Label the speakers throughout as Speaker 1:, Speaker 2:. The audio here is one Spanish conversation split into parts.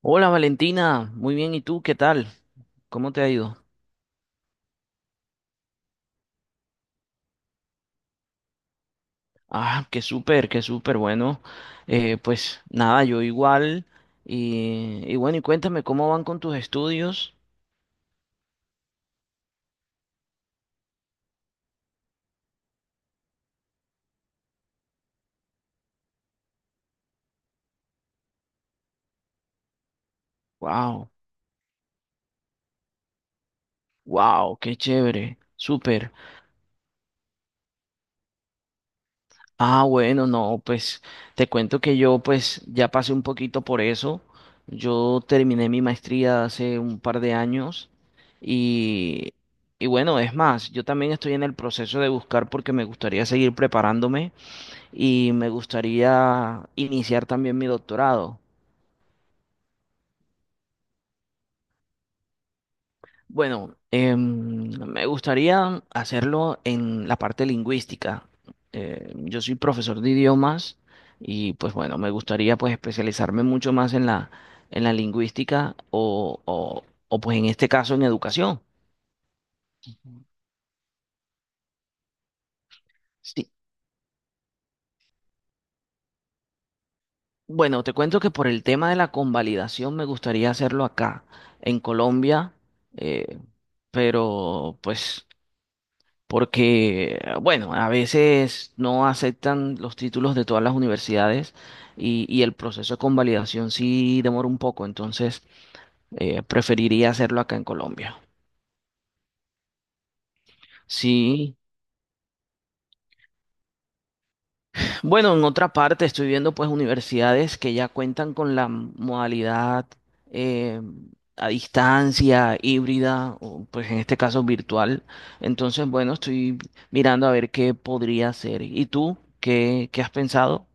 Speaker 1: Hola Valentina, muy bien, ¿y tú qué tal? ¿Cómo te ha ido? Ah, qué súper, bueno, pues nada, yo igual, y bueno, y cuéntame, ¿cómo van con tus estudios? Wow, wow, qué chévere, súper. Ah, bueno, no, pues te cuento que yo pues ya pasé un poquito por eso, yo terminé mi maestría hace un par de años, y, y bueno, es más, yo también estoy en el proceso de buscar porque me gustaría seguir preparándome. Y me gustaría iniciar también mi doctorado. Bueno, me gustaría hacerlo en la parte lingüística. Yo soy profesor de idiomas y pues bueno, me gustaría pues especializarme mucho más en la lingüística o pues en este caso en educación. Sí. Bueno, te cuento que por el tema de la convalidación me gustaría hacerlo acá, en Colombia, eh, pero pues... porque, bueno, a veces no aceptan los títulos de todas las universidades y el proceso de convalidación sí demora un poco, entonces preferiría hacerlo acá en Colombia. Sí, bueno, en otra parte estoy viendo pues universidades que ya cuentan con la modalidad eh, a distancia, híbrida, o pues en este caso virtual. Entonces, bueno, estoy mirando a ver qué podría hacer. ¿Y tú qué has pensado?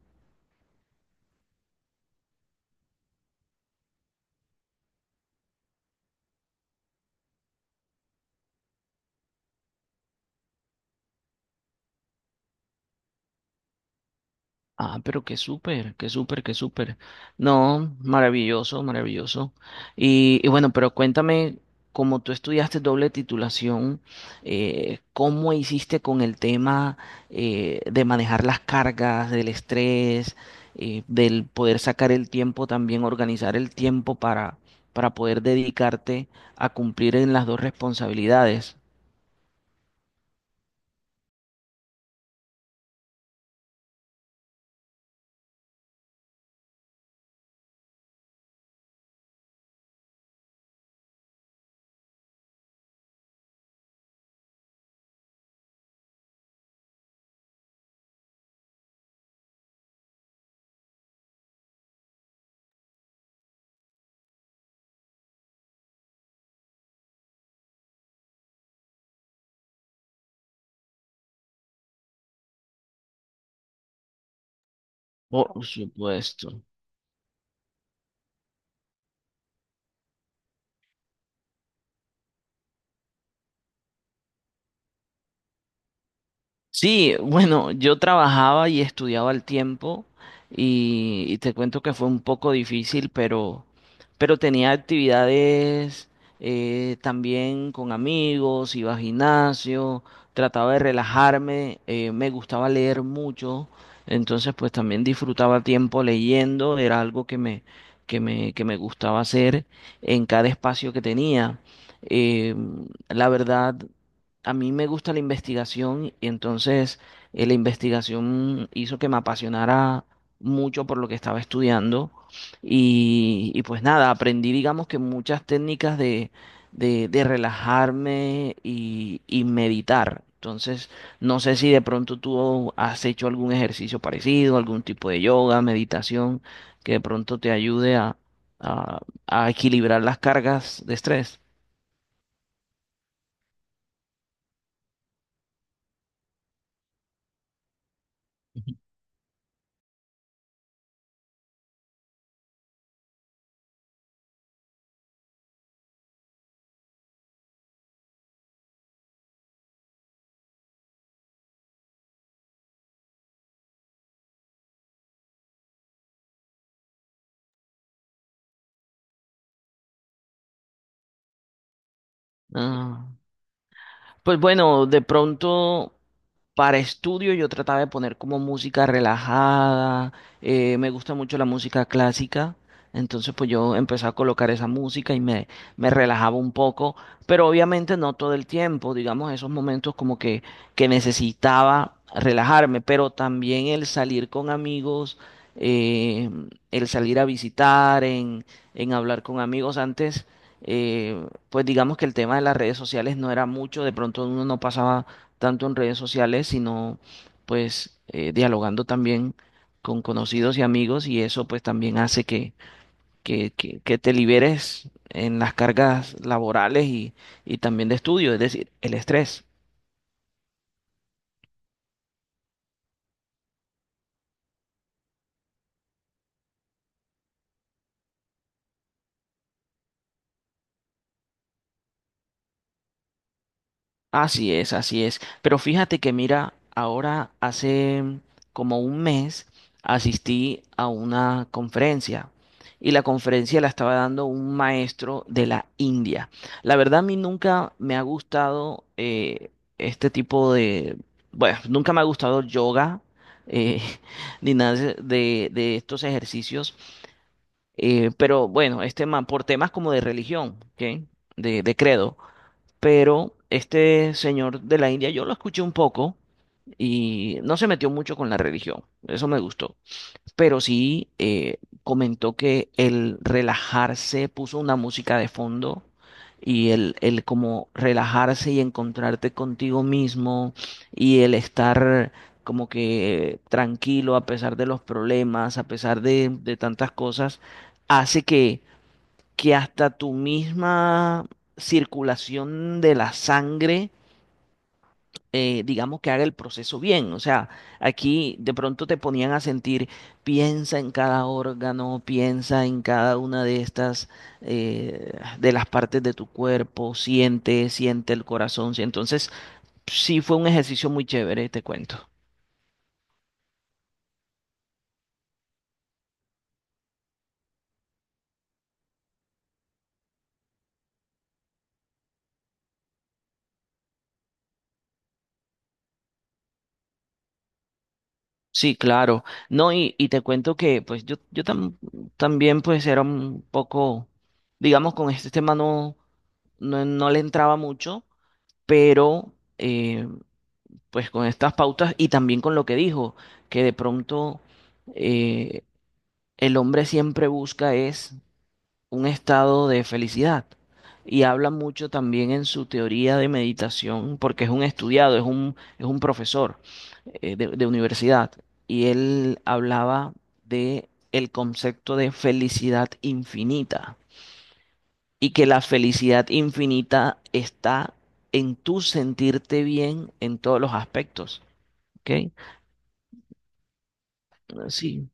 Speaker 1: Ah, pero qué súper, qué súper, qué súper. No, maravilloso, maravilloso. Y bueno, pero cuéntame, como tú estudiaste doble titulación, ¿cómo hiciste con el tema de manejar las cargas, del estrés, del poder sacar el tiempo también, organizar el tiempo para poder dedicarte a cumplir en las dos responsabilidades? Por supuesto. Sí, bueno, yo trabajaba y estudiaba al tiempo y te cuento que fue un poco difícil, pero tenía actividades también con amigos, iba al gimnasio, trataba de relajarme, me gustaba leer mucho, entonces pues también disfrutaba tiempo leyendo, era algo que me gustaba hacer en cada espacio que tenía. Eh, la verdad. A mí me gusta la investigación y entonces la investigación hizo que me apasionara mucho por lo que estaba estudiando y pues nada, aprendí digamos que muchas técnicas de relajarme y meditar. Entonces, no sé si de pronto tú has hecho algún ejercicio parecido, algún tipo de yoga, meditación, que de pronto te ayude a, a equilibrar las cargas de estrés. Ah, pues bueno, de pronto. Para estudio yo trataba de poner como música relajada, me gusta mucho la música clásica, entonces pues yo empecé a colocar esa música me relajaba un poco, pero obviamente no todo el tiempo, digamos esos momentos que necesitaba relajarme, pero también el salir con amigos, eh, el salir a visitar, en hablar con amigos antes. eh, pues digamos que el tema de las redes sociales no era mucho, de pronto uno no pasaba tanto en redes sociales, sino pues dialogando también con conocidos y amigos y eso pues también hace que te liberes en las cargas laborales y también de estudio, es decir, el estrés. Así es, así es. Pero fíjate que mira, ahora hace como un mes asistí a una conferencia y la conferencia la estaba dando un maestro de la India. La verdad a mí nunca me ha gustado este tipo de, bueno, nunca me ha gustado yoga, eh, ni nada de estos ejercicios. Pero bueno, este man, por temas como de religión, ¿ok? De credo, pero este señor de la India, yo lo escuché un poco y no se metió mucho con la religión, eso me gustó, pero sí comentó que el relajarse, puso una música de fondo el como relajarse y encontrarte contigo mismo y el estar como que tranquilo a pesar de los problemas, a pesar de tantas cosas, hace que hasta tu misma circulación de la sangre, digamos que haga el proceso bien. O sea, aquí de pronto te ponían a sentir, piensa en cada órgano, piensa en cada una de estas, eh, de las partes de tu cuerpo, siente, siente el corazón. Sí. Entonces, sí fue un ejercicio muy chévere, te cuento. Sí, claro. No, y te cuento que pues yo tam- también pues era un poco, digamos, con este tema no, no le entraba mucho, pero eh, pues con estas pautas y también con lo que dijo, que de pronto eh, el hombre siempre busca es un estado de felicidad. Y habla mucho también en su teoría de meditación, porque es un estudiado, es un profesor de universidad. Y él hablaba de el concepto de felicidad infinita y que la felicidad infinita está en tu sentirte bien en todos los aspectos. ¿Ok? Sí.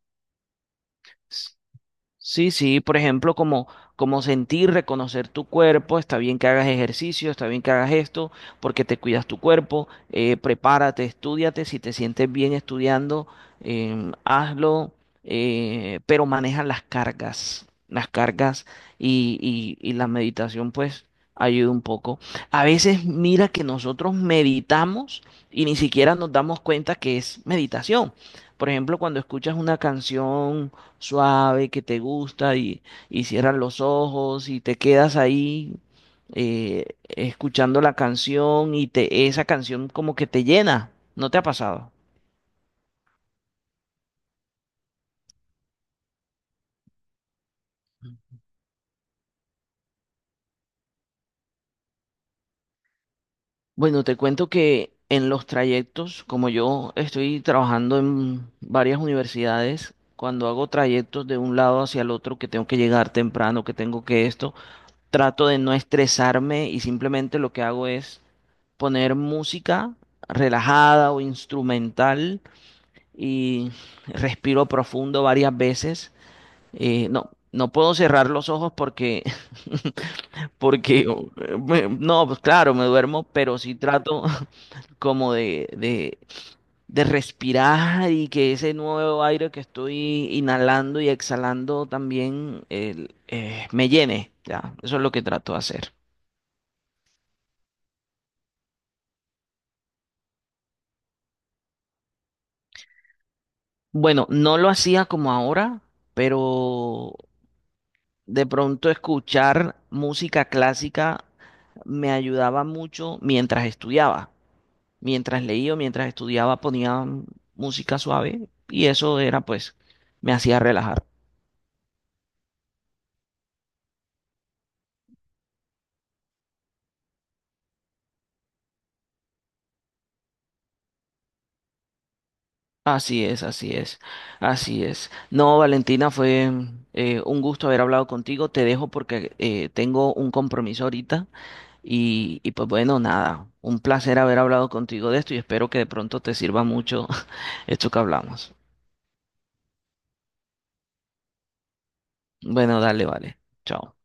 Speaker 1: Sí, sí, por ejemplo, como sentir, reconocer tu cuerpo, está bien que hagas ejercicio, está bien que hagas esto, porque te cuidas tu cuerpo, prepárate, estúdiate, si te sientes bien estudiando, hazlo, pero maneja las cargas y la meditación pues ayuda un poco. A veces mira que nosotros meditamos y ni siquiera nos damos cuenta que es meditación. Por ejemplo, cuando escuchas una canción suave que te gusta y cierras los ojos y te quedas ahí escuchando la canción esa canción como que te llena. ¿No te ha pasado? Bueno, te cuento que en los trayectos, como yo estoy trabajando en varias universidades, cuando hago trayectos de un lado hacia el otro, que tengo que llegar temprano, que tengo que esto, trato de no estresarme y simplemente lo que hago es poner música relajada o instrumental y respiro profundo varias veces. No puedo cerrar los ojos porque, porque no, pues claro, me duermo, pero sí trato como de respirar y que ese nuevo aire que estoy inhalando y exhalando también me llene. Ya, eso es lo que trato de hacer. Bueno, no lo hacía como ahora, pero de pronto escuchar música clásica me ayudaba mucho mientras estudiaba. Mientras leía o mientras estudiaba ponía música suave y eso era pues, me hacía relajar. Así es, así es, así es. No, Valentina, fue un gusto haber hablado contigo. Te dejo porque tengo un compromiso ahorita y pues bueno, nada, un placer haber hablado contigo de esto y espero que de pronto te sirva mucho esto que hablamos. Bueno, dale, vale. Chao.